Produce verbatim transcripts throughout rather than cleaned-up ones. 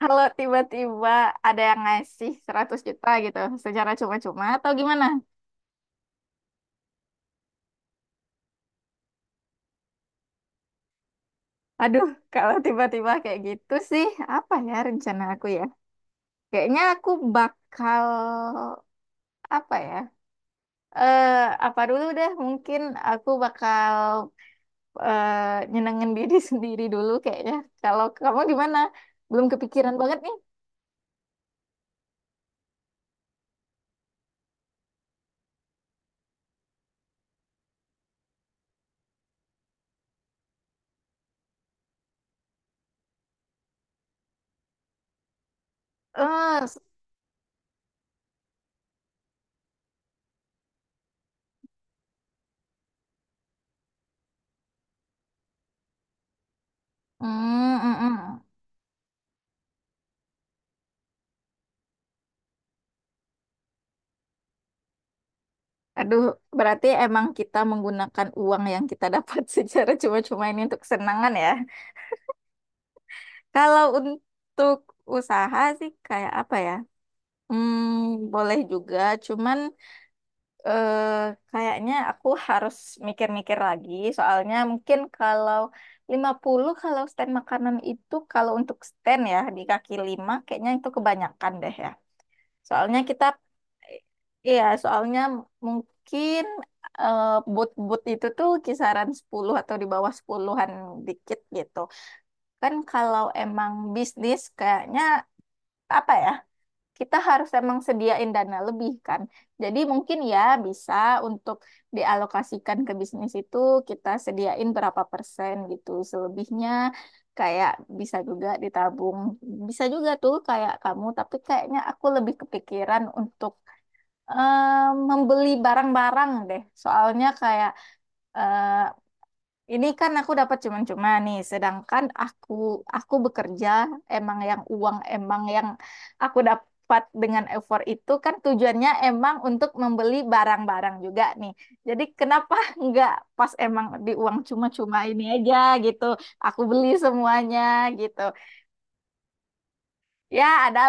Kalau tiba-tiba ada yang ngasih seratus juta gitu secara cuma-cuma atau gimana? Aduh, kalau tiba-tiba kayak gitu sih, apa ya rencana aku ya? Kayaknya aku bakal apa ya? Eh, apa dulu deh, mungkin aku bakal eh, nyenengin diri sendiri dulu kayaknya. Kalau kamu gimana? Belum kepikiran banget nih. Eh, s- mm, mm, mm. Aduh, berarti emang kita menggunakan uang yang kita dapat secara cuma-cuma ini untuk kesenangan ya. Kalau untuk usaha sih kayak apa ya? Hmm, boleh juga, cuman eh, kayaknya aku harus mikir-mikir lagi. Soalnya mungkin kalau lima puluh kalau stand makanan itu kalau untuk stand ya di kaki lima kayaknya itu kebanyakan deh ya. Soalnya kita, iya, soalnya mungkin eh, boot-boot itu tuh kisaran sepuluh atau di bawah sepuluhan an dikit gitu. Kan kalau emang bisnis kayaknya apa ya, kita harus emang sediain dana lebih kan. Jadi mungkin ya bisa untuk dialokasikan ke bisnis itu, kita sediain berapa persen gitu. Selebihnya kayak bisa juga ditabung. Bisa juga tuh kayak kamu, tapi kayaknya aku lebih kepikiran untuk eh, membeli barang-barang deh. Soalnya kayak eh, ini kan aku dapat cuma-cuma nih, sedangkan aku aku bekerja emang yang uang emang yang aku dapat dengan effort itu kan tujuannya emang untuk membeli barang-barang juga nih. Jadi kenapa nggak pas emang di uang cuma-cuma ini aja gitu, aku beli semuanya gitu. Ya ada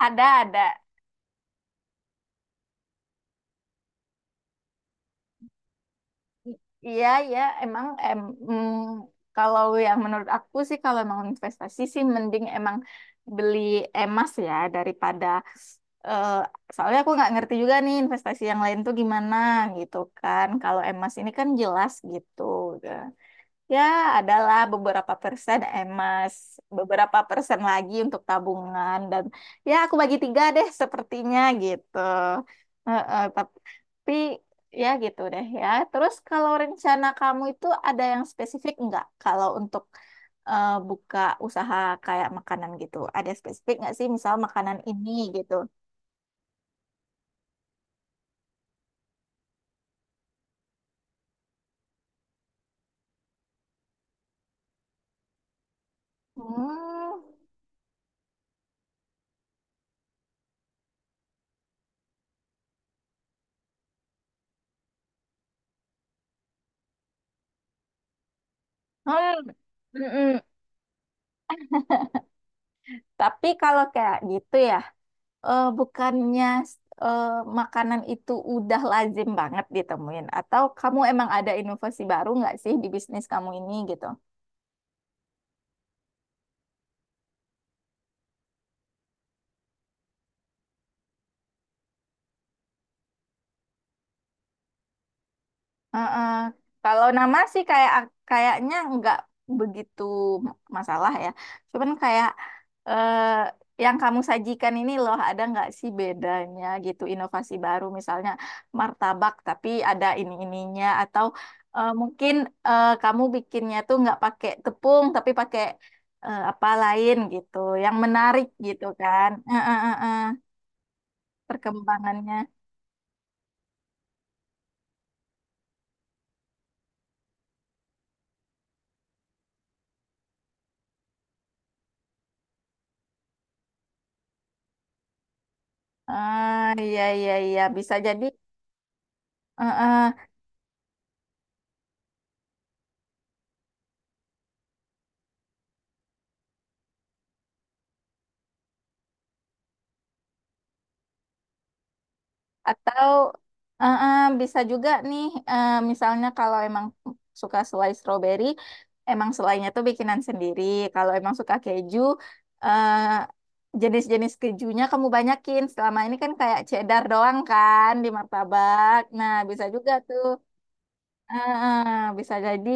ada ada I- iya, ya, emang em, mm, kalau yang menurut aku sih kalau emang investasi sih mending emang beli emas ya daripada eh, soalnya aku nggak ngerti juga nih investasi yang lain tuh gimana gitu kan. Kalau emas ini kan jelas gitu. Ya, adalah beberapa persen emas, beberapa persen lagi untuk tabungan, dan ya aku bagi tiga deh sepertinya gitu. Heeh, tap- tapi ya gitu deh ya. Terus kalau rencana kamu itu ada yang spesifik nggak? Kalau untuk eh, buka usaha kayak makanan gitu, ada spesifik nggak sih? Misal makanan ini gitu. Hmm. Hmm. Mm-mm. Tapi kalau kayak gitu ya, eh, bukannya eh, makanan itu udah lazim banget ditemuin? Atau kamu emang ada inovasi baru nggak sih di bisnis kamu ini gitu? Heeh. Kalau nama sih kayak kayaknya nggak begitu masalah ya. Cuman kayak eh, yang kamu sajikan ini loh, ada nggak sih bedanya gitu, inovasi baru misalnya martabak tapi ada ini ininya, atau eh, mungkin eh, kamu bikinnya tuh nggak pakai tepung tapi pakai eh, apa lain gitu, yang menarik gitu kan? Eh, eh, eh, eh, Perkembangannya. Ah, iya iya iya, bisa jadi. Heeh. Atau eh, eh, bisa juga nih, eh, misalnya kalau emang suka selai stroberi, emang selainya tuh bikinan sendiri. Kalau emang suka keju, eh, jenis-jenis kejunya kamu banyakin. Selama ini kan kayak cheddar doang kan di martabak. Nah, bisa juga tuh. Eh, eh, Bisa jadi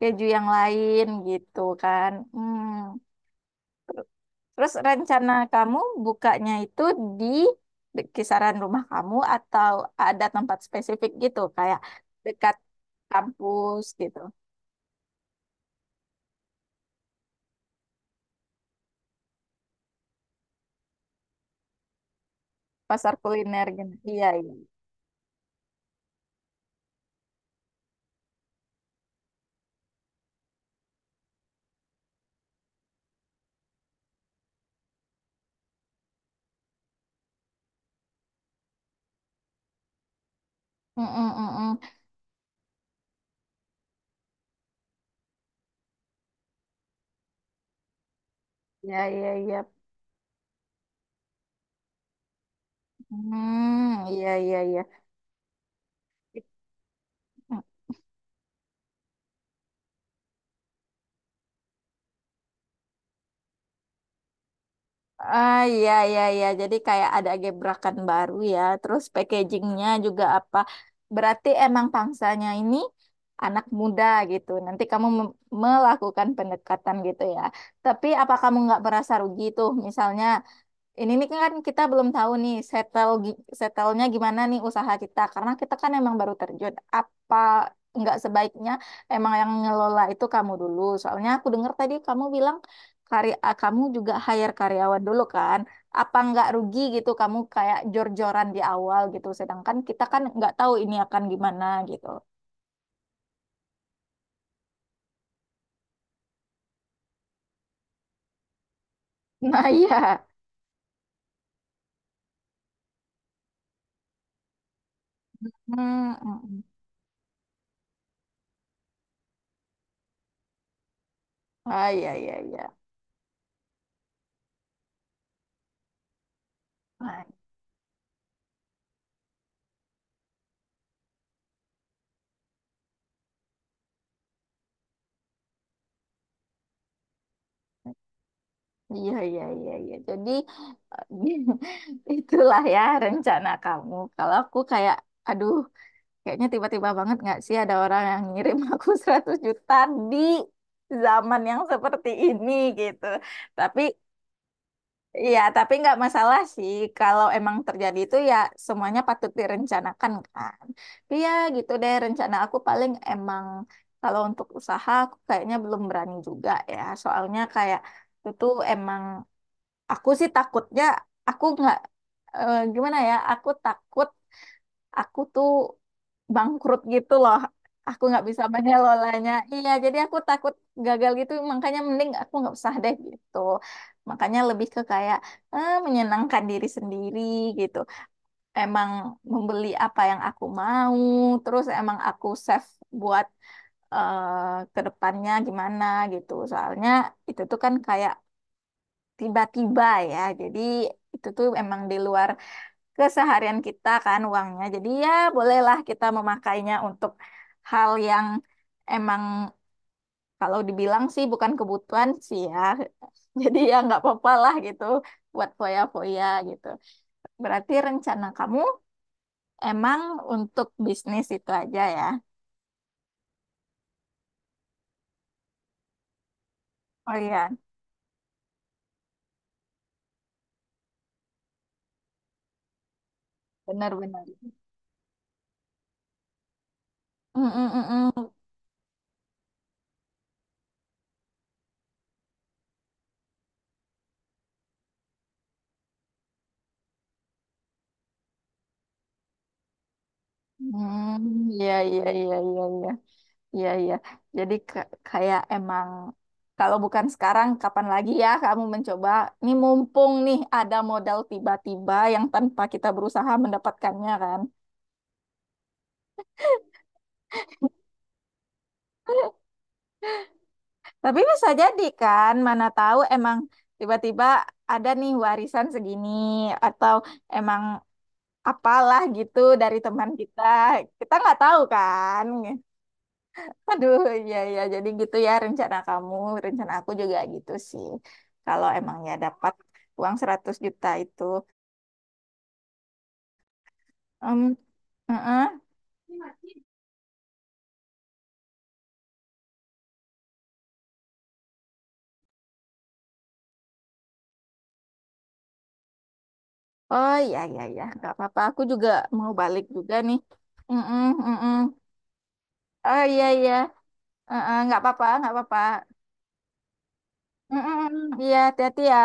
keju yang lain gitu kan. Hmm. Terus rencana kamu bukanya itu di kisaran rumah kamu atau ada tempat spesifik gitu kayak dekat kampus gitu, pasar kuliner gitu. Iya, iya. Mm, mm, mm, mm. Iya, iya, iya. Hmm, iya, iya, iya. Ah, iya iya iya, jadi kayak ada gebrakan baru ya, terus packagingnya juga apa, berarti emang pangsanya ini anak muda gitu, nanti kamu mem- melakukan pendekatan gitu ya. Tapi apa kamu nggak merasa rugi tuh, misalnya ini nih kan kita belum tahu nih settle gi- settlenya gimana nih usaha kita, karena kita kan emang baru terjun. Apa nggak sebaiknya emang yang ngelola itu kamu dulu? Soalnya aku dengar tadi kamu bilang karya ah, kamu juga hire karyawan dulu kan? Apa nggak rugi gitu kamu kayak jor-joran di awal gitu? Sedangkan kita kan nggak tahu ini akan gimana gitu. Nah, iya. Hmm. Mm, mm. Ah, iya iya iya. Nah, iya, iya, iya, iya. Jadi eh, itulah ya rencana kamu. Kalau aku kayak, aduh, kayaknya tiba-tiba banget nggak sih ada orang yang ngirim aku seratus juta di zaman yang seperti ini gitu. Tapi Iya, tapi nggak masalah sih. Kalau emang terjadi itu ya semuanya patut direncanakan kan. Tapi ya gitu deh, rencana aku paling emang kalau untuk usaha aku kayaknya belum berani juga ya. Soalnya kayak itu tuh emang aku sih takutnya aku nggak eh, gimana ya, aku takut aku tuh bangkrut gitu loh. Aku nggak bisa mengelolanya. Iya, jadi aku takut gagal gitu. Makanya mending aku nggak usah deh gitu. Makanya lebih ke kayak eh, menyenangkan diri sendiri gitu. Emang membeli apa yang aku mau, terus emang aku save buat eh, ke depannya gimana gitu. Soalnya itu tuh kan kayak tiba-tiba ya. Jadi itu tuh emang di luar keseharian kita kan uangnya. Jadi ya bolehlah kita memakainya untuk hal yang emang kalau dibilang sih bukan kebutuhan sih ya. Jadi ya nggak apa-apa lah gitu buat foya-foya gitu. Berarti rencana kamu emang untuk bisnis itu aja ya. Oh iya, benar-benar. Mm, mm, mm, mm. Hmm, iya, iya, iya, iya, iya. Iya, iya. Jadi ke- kayak emang kalau bukan sekarang, kapan lagi ya kamu mencoba? Ini mumpung nih ada modal tiba-tiba yang tanpa kita berusaha mendapatkannya kan. Tapi bisa jadi kan, mana tahu emang tiba-tiba ada nih warisan segini atau emang apalah gitu dari teman kita. Kita nggak tahu kan. Aduh, iya iya jadi gitu ya rencana kamu, rencana aku juga gitu sih. Kalau emang ya dapat uang seratus juta itu. Em, heeh. Oh, iya iya iya, nggak apa-apa. Aku juga mau balik juga nih. Mm-mm, mm-mm. Oh, iya iya, heeh, nggak apa-apa, nggak apa-apa. Mm-mm, iya, hati-hati ya.